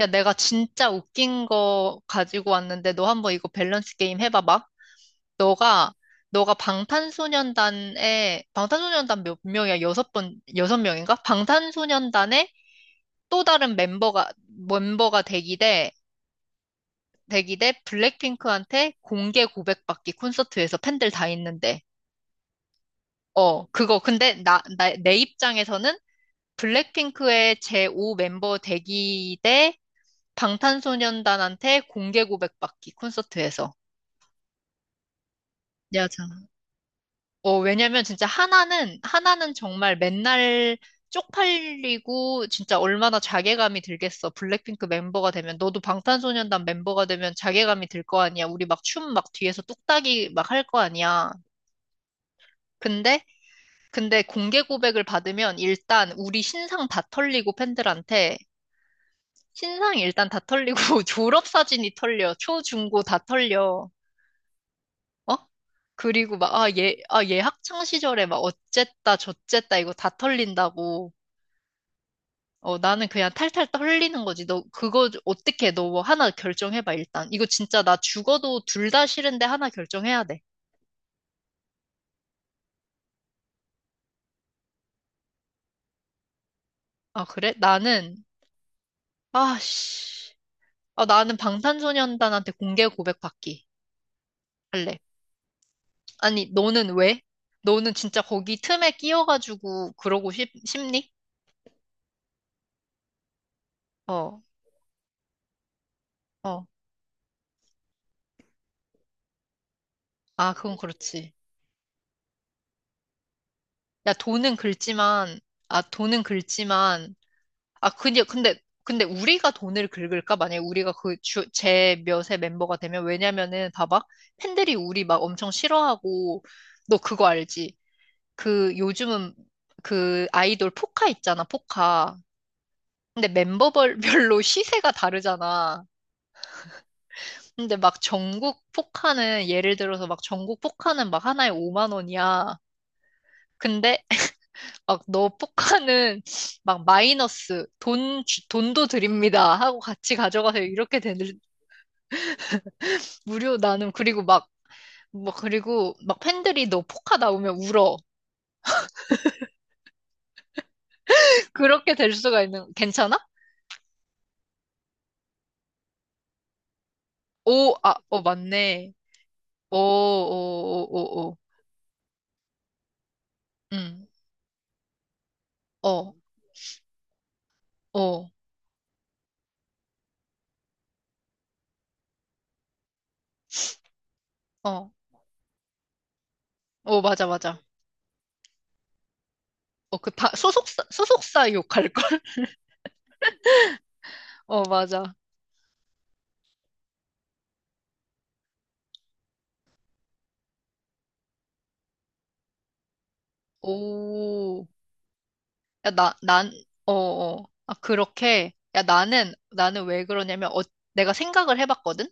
야, 내가 진짜 웃긴 거 가지고 왔는데 너 한번 이거 밸런스 게임 해봐봐. 너가 너가 방탄소년단 몇 명이야? 여섯 명인가? 방탄소년단의 또 다른 멤버가 되기 대 블랙핑크한테 공개 고백받기 콘서트에서 팬들 다 있는데. 어, 그거 근데 내 입장에서는 블랙핑크의 제5 멤버 되기 대 방탄소년단한테 공개 고백받기 콘서트에서. 여자. 어, 왜냐면 진짜 하나는 정말 맨날 쪽팔리고 진짜 얼마나 자괴감이 들겠어. 블랙핑크 멤버가 되면. 너도 방탄소년단 멤버가 되면 자괴감이 들 거 아니야. 우리 막 춤 막 뒤에서 뚝딱이 막 할 거 아니야. 근데, 근데 공개 고백을 받으면 일단 우리 신상 다 털리고 팬들한테 신상 일단 다 털리고 졸업 사진이 털려. 초, 중, 고 다 털려. 어? 그리고 막, 얘 학창 시절에 막 어쨌다, 저쨌다, 이거 다 털린다고. 어, 나는 그냥 탈탈 털리는 거지. 너, 그거 어떻게 해? 너뭐 하나 결정해봐, 일단. 이거 진짜 나 죽어도 둘 다 싫은데 하나 결정해야 돼. 아, 그래? 나는, 아, 씨. 아, 나는 방탄소년단한테 공개 고백 받기 할래. 아니, 너는 왜? 너는 진짜 거기 틈에 끼어가지고 그러고 싶니? 어, 어. 아, 그건 그렇지. 나 돈은 긁지만, 아, 돈은 긁지만, 아, 근데 우리가 돈을 긁을까? 만약에 우리가 제 몇의 멤버가 되면, 왜냐면은, 봐봐. 팬들이 우리 막 엄청 싫어하고, 너 그거 알지? 그, 요즘은 그 아이돌 포카 있잖아, 포카. 근데 멤버별로 시세가 다르잖아. 근데 막 전국 포카는, 예를 들어서 막 전국 포카는 막 하나에 5만 원이야. 근데 막 너 포카는 막 마이너스 돈도 드립니다 하고 같이 가져가세요 이렇게 되는 무료 나눔 그리고 막 뭐 그리고 막 팬들이 너 포카 나오면 울어 그렇게 될 수가 있는 괜찮아? 오, 아, 어, 맞네. 오오오오, 오. 응, 어, 어어어, 맞아, 맞아. 어, 그 다 소속사 욕할 걸. 어, 맞아. 오. 야, 난, 어, 어. 아, 그렇게. 야, 나는 왜 그러냐면, 내가 생각을 해봤거든?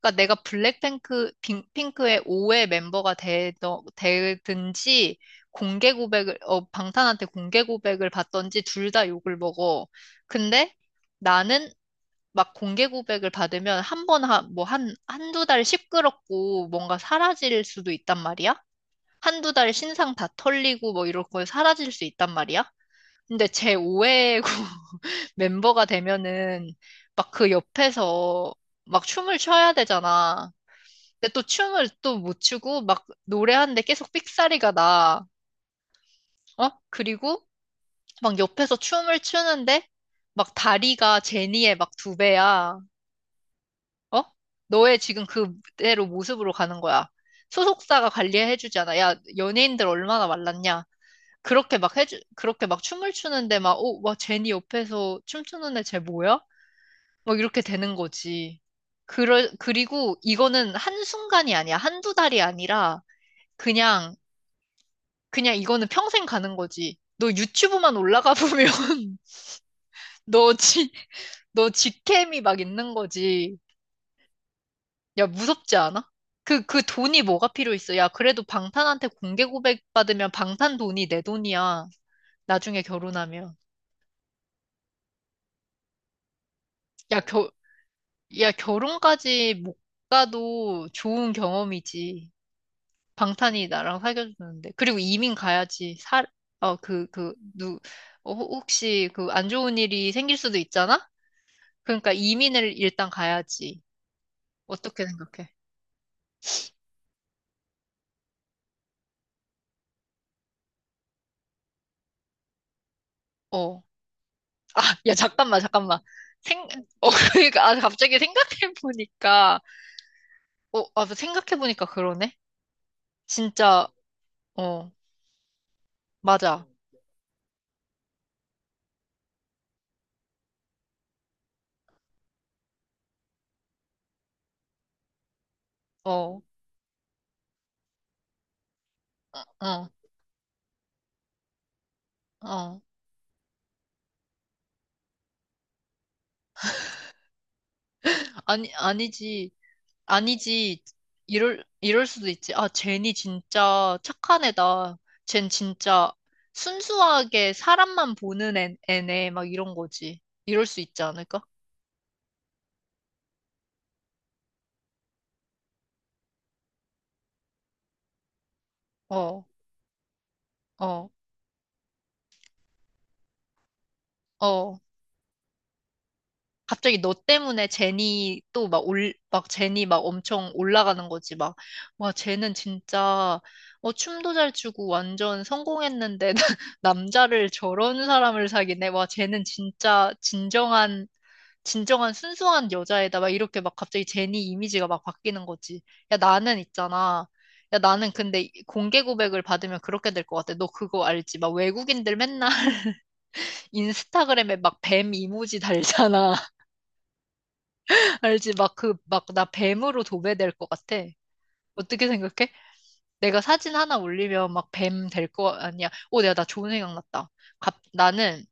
그러니까 내가 핑크의 5회 멤버가 되든지, 방탄한테 공개 고백을 받던지, 둘 다 욕을 먹어. 근데 나는 막 공개 고백을 받으면 한 번, 한, 뭐, 한, 한두 달 시끄럽고 뭔가 사라질 수도 있단 말이야? 한 두 달 신상 다 털리고 뭐 이런 거 사라질 수 있단 말이야? 근데 제 5회 멤버가 되면은 막 그 옆에서 막 춤을 춰야 되잖아. 근데 또 춤을 또 못 추고 막 노래하는데 계속 삑사리가 나. 어? 그리고 막 옆에서 춤을 추는데 막 다리가 제니의 막 두 배야. 어? 너의 지금 그대로 모습으로 가는 거야. 소속사가 관리해주잖아. 야, 연예인들 얼마나 말랐냐. 그렇게 막 춤을 추는데 막, 어, 와, 제니 옆에서 춤추는 애 쟤 뭐야? 뭐 이렇게 되는 거지. 그리고 이거는 한순간이 아니야. 한두 달이 아니라 그냥, 그냥 이거는 평생 가는 거지. 너 유튜브만 올라가 보면 너 지, 너 직캠이 막 있는 거지. 야, 무섭지 않아? 그 돈이 뭐가 필요 있어? 야, 그래도 방탄한테 공개 고백 받으면 방탄 돈이 내 돈이야. 나중에 결혼하면. 야, 겨, 야, 결혼까지 못 가도 좋은 경험이지. 방탄이 나랑 사귀어주는데. 그리고 이민 가야지. 어, 그, 그, 누, 혹시 그 안 좋은 일이 생길 수도 있잖아? 그러니까 이민을 일단 가야지. 어떻게 생각해? 어. 아, 야, 잠깐만, 잠깐만. 생, 어, 그러니까, 아, 갑자기 생각해보니까, 생각해보니까 그러네? 진짜, 어, 맞아. 어, 어, 어. 아니, 아니지. 아니지. 이럴 수도 있지. 아, 젠이 진짜 착한 애다. 젠 진짜 순수하게 사람만 보는 애네. 막 이런 거지. 이럴 수 있지 않을까? 어, 어, 어. 갑자기 너 때문에 막 제니 막 엄청 올라가는 거지. 막, 와, 쟤은 진짜, 어, 춤도 잘 추고 완전 성공했는데, 남자를 저런 사람을 사귀네. 와, 쟤는 진짜 진정한 진정한 순수한 여자애다. 막 이렇게 막 갑자기 제니 이미지가 막 바뀌는 거지. 야, 나는 있잖아. 야, 나는 근데 공개 고백을 받으면 그렇게 될 것 같아. 너 그거 알지? 막 외국인들 맨날 인스타그램에 막 뱀 이모지 달잖아. 알지? 막 막 나 뱀으로 도배될 것 같아. 어떻게 생각해? 내가 사진 하나 올리면 막 뱀 될 거 아니야. 오, 내가 나 좋은 생각 났다. 나는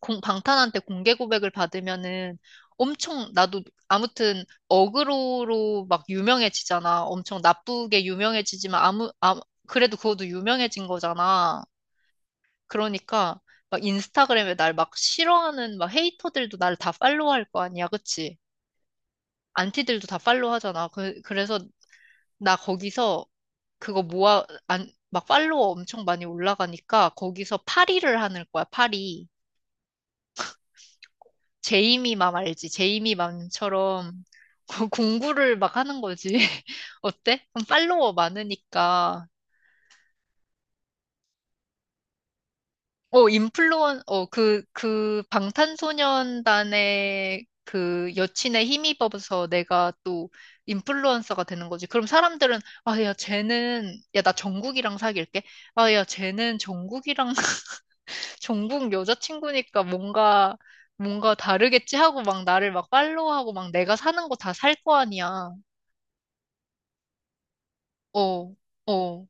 방탄한테 공개 고백을 받으면은 엄청 나도 아무튼 어그로로 막 유명해지잖아. 엄청 나쁘게 유명해지지만 아무 아 그래도 그것도 유명해진 거잖아. 그러니까 막 인스타그램에 날 막 싫어하는 막 헤이터들도 날 다 팔로우할 거 아니야, 그치? 안티들도 다 팔로우하잖아. 그래서 나 거기서 그거 모아 안 막 팔로워 엄청 많이 올라가니까 거기서 파리를 하는 거야, 파리. 제이미맘 알지? 제이미맘처럼 공부를 막 하는 거지. 어때? 그럼 팔로워 많으니까. 그 방탄소년단의 그 여친의 힘입어서 내가 또 인플루언서가 되는 거지. 그럼 사람들은, 아, 야, 쟤는, 야, 나 정국이랑 사귈게. 아, 야, 쟤는 정국이랑, 정국 여자친구니까 뭔가 다르겠지 하고 막 나를 막 팔로우하고 막 내가 사는 거 다 살 거 아니야. 어, 어,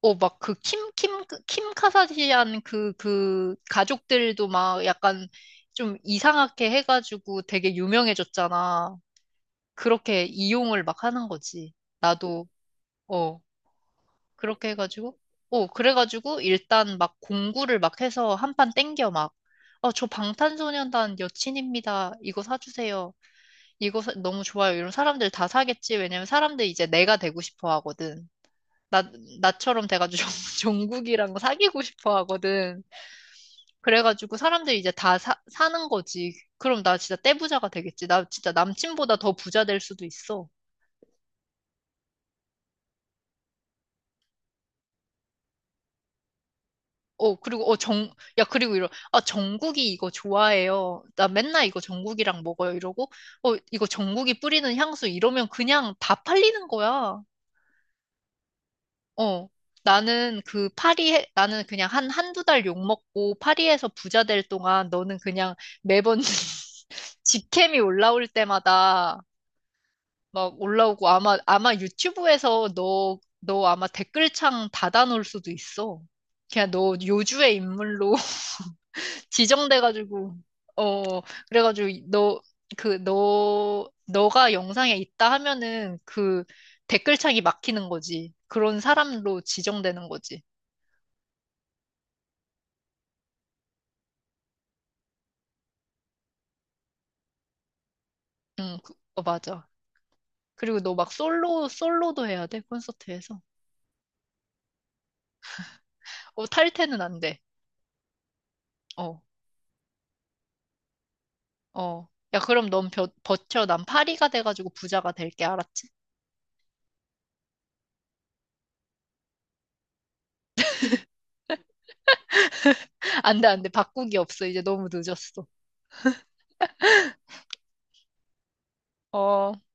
어, 막 그 킴 카사디안 그 가족들도 막 약간 좀 이상하게 해가지고 되게 유명해졌잖아. 그렇게 이용을 막 하는 거지. 나도, 어, 그렇게 해가지고, 그래가지고 일단 막 공구를 막 해서 한 판 땡겨 막. 어, 저 방탄소년단 여친입니다. 이거 사주세요. 너무 좋아요. 이런 사람들 다 사겠지. 왜냐면 사람들 이제 내가 되고 싶어 하거든. 나, 나처럼 돼가지고 국이랑 사귀고 싶어 하거든. 그래가지고 사람들이 이제 다 사는 거지. 그럼 나 진짜 떼부자가 되겠지. 나 진짜 남친보다 더 부자 될 수도 있어. 어, 그리고, 어, 정, 야, 그리고 정국이 이거 좋아해요. 나 맨날 이거 정국이랑 먹어요. 이러고, 이거 정국이 뿌리는 향수 이러면 그냥 다 팔리는 거야. 어, 나는 나는 그냥 한두 달 욕먹고 파리에서 부자 될 동안 너는 그냥 매번 직캠이 올라올 때마다 막 올라오고 아마 유튜브에서 너 아마 댓글창 닫아놓을 수도 있어. 그냥 너 요주의 인물로 지정돼가지고, 어, 그래가지고 너가 영상에 있다 하면은 그 댓글창이 막히는 거지. 그런 사람으로 지정되는 거지. 응, 맞아. 그리고 너 막 솔로도 해야 돼, 콘서트에서. 어, 탈퇴는 안 돼. 어, 어. 야, 그럼 넌 버텨. 난 파리가 돼가지고 부자가 될게, 알았지? 안 돼, 안 돼. 바꾸기 없어. 이제 너무 늦었어. 어.